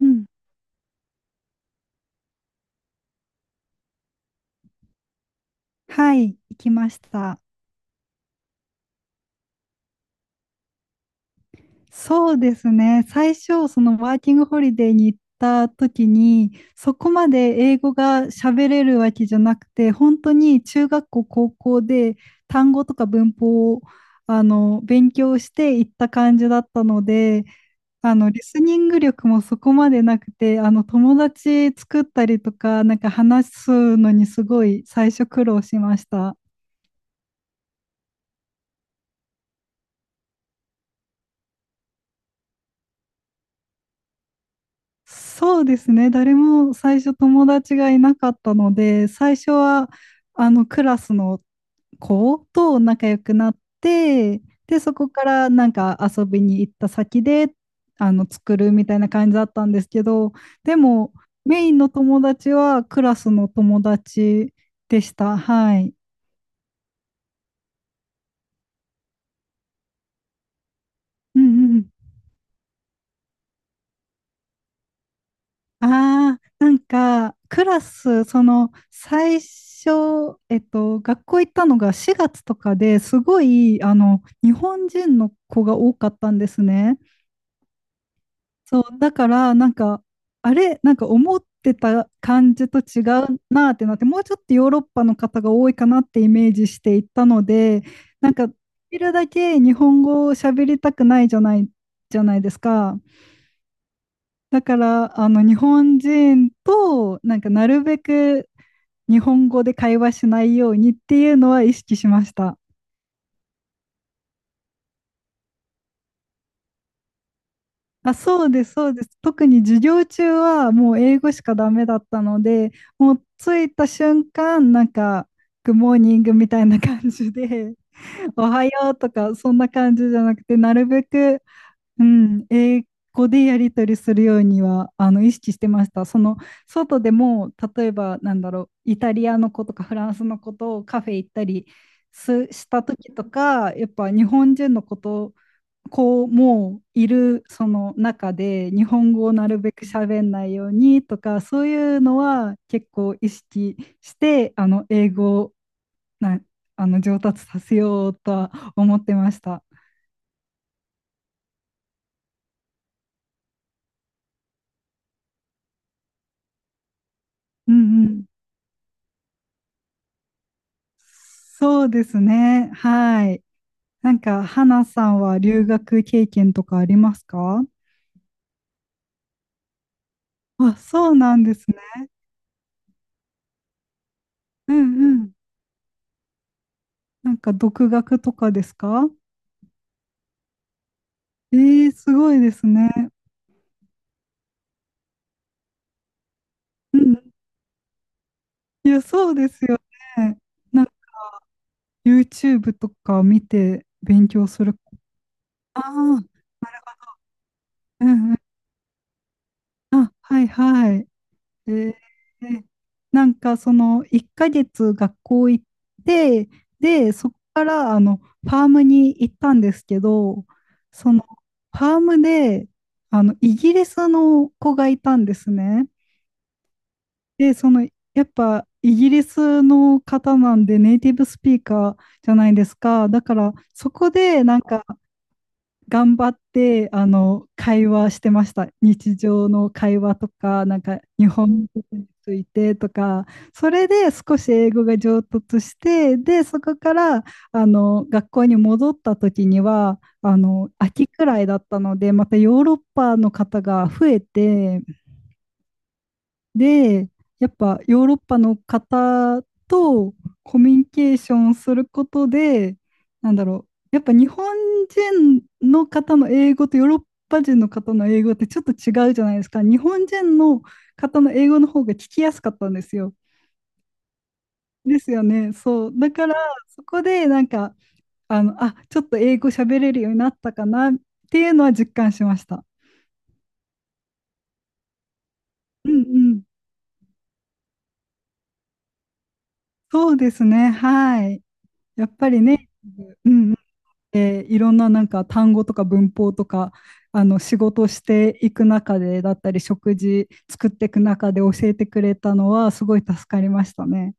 うん、はい、行きました。そうですね。最初、そのワーキングホリデーに行った時に、そこまで英語が喋れるわけじゃなくて、本当に中学校、高校で単語とか文法を勉強して行った感じだったので、あのリスニング力もそこまでなくて、あの友達作ったりとか、なんか話すのにすごい最初苦労しました。そうですね。誰も最初友達がいなかったので、最初はあのクラスの子と仲良くなって、で、そこからなんか遊びに行った先であの作るみたいな感じだったんですけど、でもメインの友達はクラスの友達でした。はい。うん、ああ、なんか、クラス、その、最初、学校行ったのが4月とかで、すごい、あの、日本人の子が多かったんですね。そう、だから、なんか、あれ、なんか思ってた感じと違うなってなって、もうちょっとヨーロッパの方が多いかなってイメージしていったので、なんか、できるだけ日本語を喋りたくないじゃない、じゃないですか。だから、あの、日本人と、なんか、なるべく日本語で会話しないようにっていうのは意識しました。あ、そうです、そうです。特に授業中はもう英語しかダメだったので、もう着いた瞬間、なんか、グッモーニングみたいな感じで、おはようとか、そんな感じじゃなくて、なるべく、うん、英語でやり取りするようにはあの意識してました。その外でも、例えばなんだろう、イタリアの子とかフランスの子とカフェ行ったりすした時とか、やっぱ日本人の子とこうもういるその中で、日本語をなるべく喋んないようにとか、そういうのは結構意識して、あの英語をなあの上達させようとは思ってました。うんうん、そうですね。はい。なんか、花さんは留学経験とかありますか？あ、そうなんですね。うんうん。なんか、独学とかですか？えー、すごいですね。うん。いや、そうですよね。なんか、YouTube とか見て勉強する。ああ、うんうん。あ、はいはい。えー、なんかその1ヶ月学校行って、で、そこからあのファームに行ったんですけど、そのファームであのイギリスの子がいたんですね。で、そのやっぱイギリスの方なんでネイティブスピーカーじゃないですか。だからそこでなんか頑張ってあの会話してました。日常の会話とか、なんか日本語についてとか、それで少し英語が上達して、で、そこからあの学校に戻った時には、あの秋くらいだったので、またヨーロッパの方が増えて、で、やっぱヨーロッパの方とコミュニケーションすることで、なんだろう、やっぱ日本人の方の英語とヨーロッパ人の方の英語ってちょっと違うじゃないですか。日本人の方の英語の方が聞きやすかったんですよ。ですよね。そう。だから、そこでなんか、あの、あ、ちょっと英語喋れるようになったかなっていうのは実感しました。うんうん。そうですね。はい。やっぱりね、うん、でいろんななんか単語とか文法とか、あの仕事していく中でだったり食事作っていく中で教えてくれたのはすごい助かりましたね。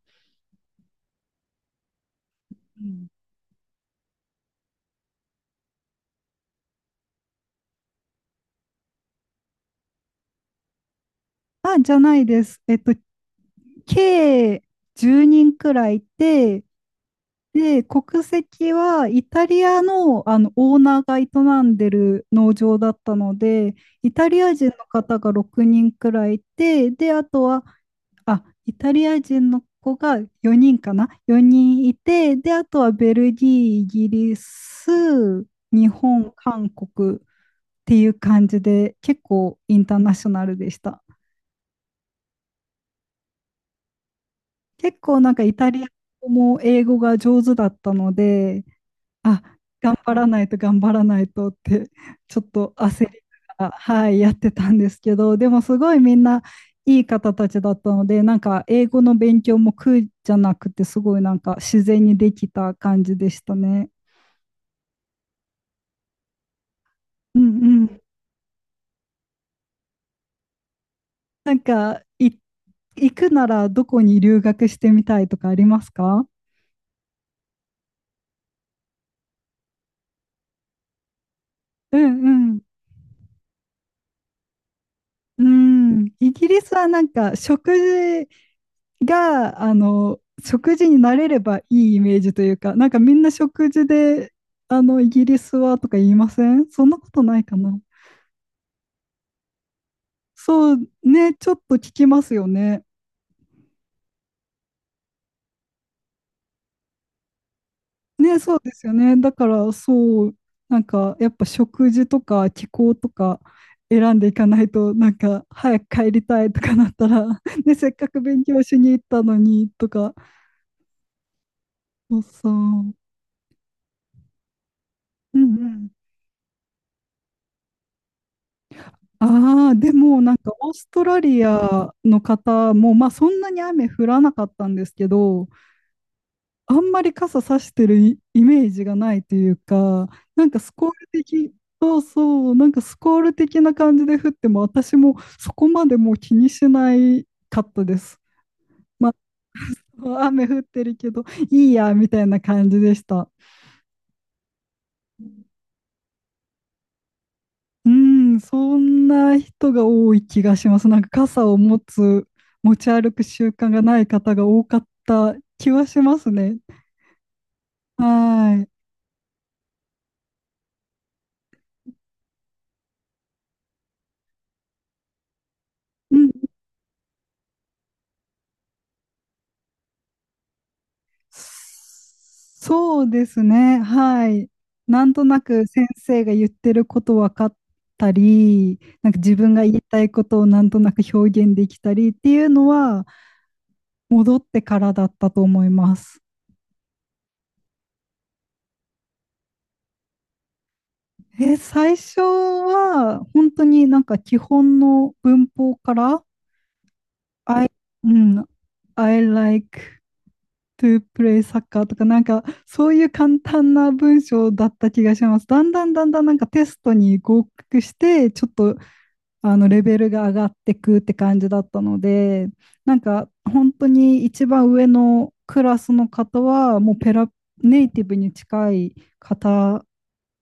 うん、あじゃないです。計10人くらいいて、で国籍はイタリアの、あのオーナーが営んでる農場だったので、イタリア人の方が6人くらいいて、であとは、あ、イタリア人の子が4人かな？ 4 人いて、で、あとはベルギー、イギリス、日本、韓国っていう感じで、結構インターナショナルでした。結構なんかイタリア語も英語が上手だったので、あ、頑張らないと頑張らないとって、ちょっと焦りながら、はい、やってたんですけど、でもすごいみんないい方たちだったので、なんか英語の勉強も苦じゃなくて、すごいなんか自然にできた感じでしたね。うんうん。なんか、行くならどこに留学してみたいとかありますか？うんうん。うん、イギリスはなんか食事が、あの、食事に慣れればいいイメージというか、なんかみんな食事で、あの、イギリスはとか言いません、そんなことないかな。そうね、ちょっと聞きますよね。ね、そうですよね。だから、そう、なんかやっぱ食事とか気候とか選んでいかないと、なんか早く帰りたいとかなったら、ね、せっかく勉強しに行ったのにとか、そうそう。うんうん、ああ、でもなんかオーストラリアの方も、まあそんなに雨降らなかったんですけど、あんまり傘さしてるイイメージがないというか、なんかスコール的、そうそう、なんかスコール的な感じで降っても、私もそこまでもう気にしないかったです。まあ、雨降ってるけど、いいや、みたいな感じでした。うん、そんな人が多い気がします。なんか傘を持つ、持ち歩く習慣がない方が多かった気はしますね。はい。うん。そうですね。はい。なんとなく先生が言ってること分かったり、なんか自分が言いたいことをなんとなく表現できたりっていうのは戻ってからだったと思います。え、最初は本当になんか基本の文法から、 I、 うん、I like to play soccer とか、なんか、そういう簡単な文章だった気がします。だんだんだんだんなんかテストに合格して、ちょっと、あの、レベルが上がってくって感じだったので、なんか、本当に一番上のクラスの方は、もうペラ、ネイティブに近い方、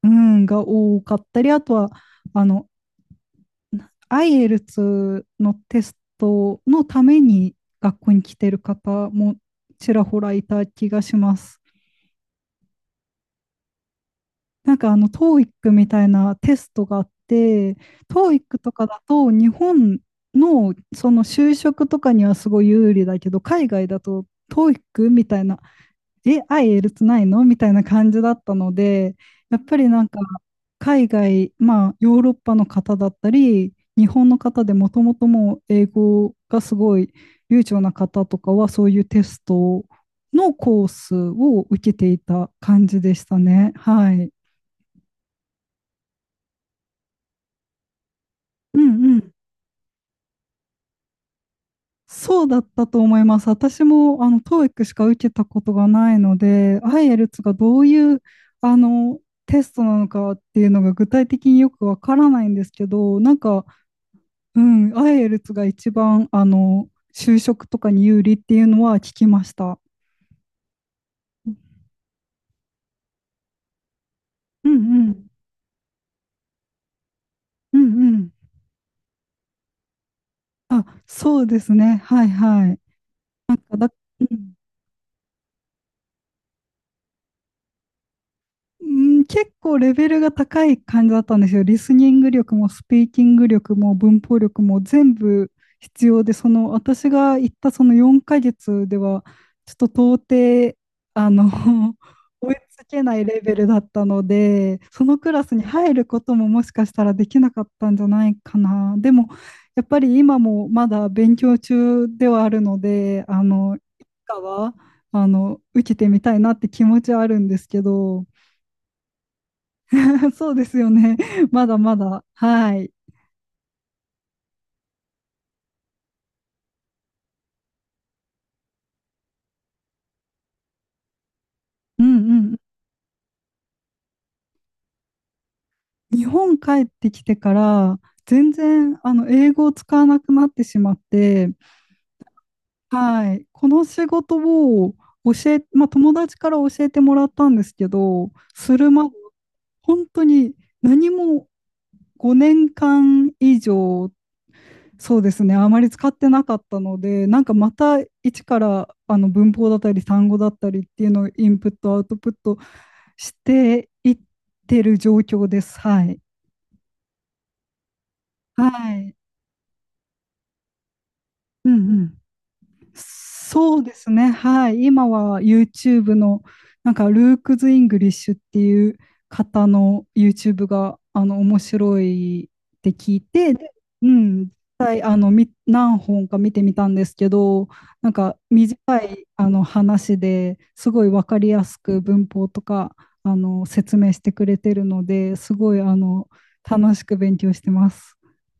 うん、が多かったり、あとは、あの、IELTS のテストのために学校に来てる方もちらほらいた気がします。なんかあの TOEIC みたいなテストがあって、TOEIC とかだと日本のその就職とかにはすごい有利だけど、海外だと TOEIC みたいな、え、愛エルツないの、みたいな感じだったので、やっぱりなんか海外、まあヨーロッパの方だったり、日本の方でもともともう英語がすごい流暢な方とかはそういうテストのコースを受けていた感じでしたね。はい。うんうん。そうだったと思います。私も、あの、TOEIC しか受けたことがないので、IELTS がどういう、あの、テストなのかっていうのが具体的によくわからないんですけど、なんか、うん、IELTS が一番、あの、就職とかに有利っていうのは聞きました。うんうん、うんうん。あ、そうですね。はいはい。だ、うんうん、結構レベルが高い感じだったんですよ。リスニング力もスピーキング力も文法力も全部必要で、その私が行ったその4ヶ月では、ちょっと到底、あの、追いつけないレベルだったので、そのクラスに入ることももしかしたらできなかったんじゃないかな。でも、やっぱり今もまだ勉強中ではあるので、あの、いつかは、あの、受けてみたいなって気持ちはあるんですけど、そうですよね。まだまだ。はい。うんうん。日本帰ってきてから、全然、あの、英語を使わなくなってしまって、はい。この仕事を教え、まあ、友達から教えてもらったんですけど、するまで、本当に何も5年間以上、そうですね、あまり使ってなかったので、なんかまた一からあの文法だったり単語だったりっていうのをインプット、アウトプットしていってる状況です。はい。はい。うんうん。そうですね。はい。今は YouTube の、なんか、ルークズ・イングリッシュっていう方の YouTube が、あの、面白いって聞いて、で、うん、実際、あの、何本か見てみたんですけど、なんか、短い、あの、話ですごい分かりやすく文法とか、あの、説明してくれてるので、すごい、あの、楽しく勉強してます。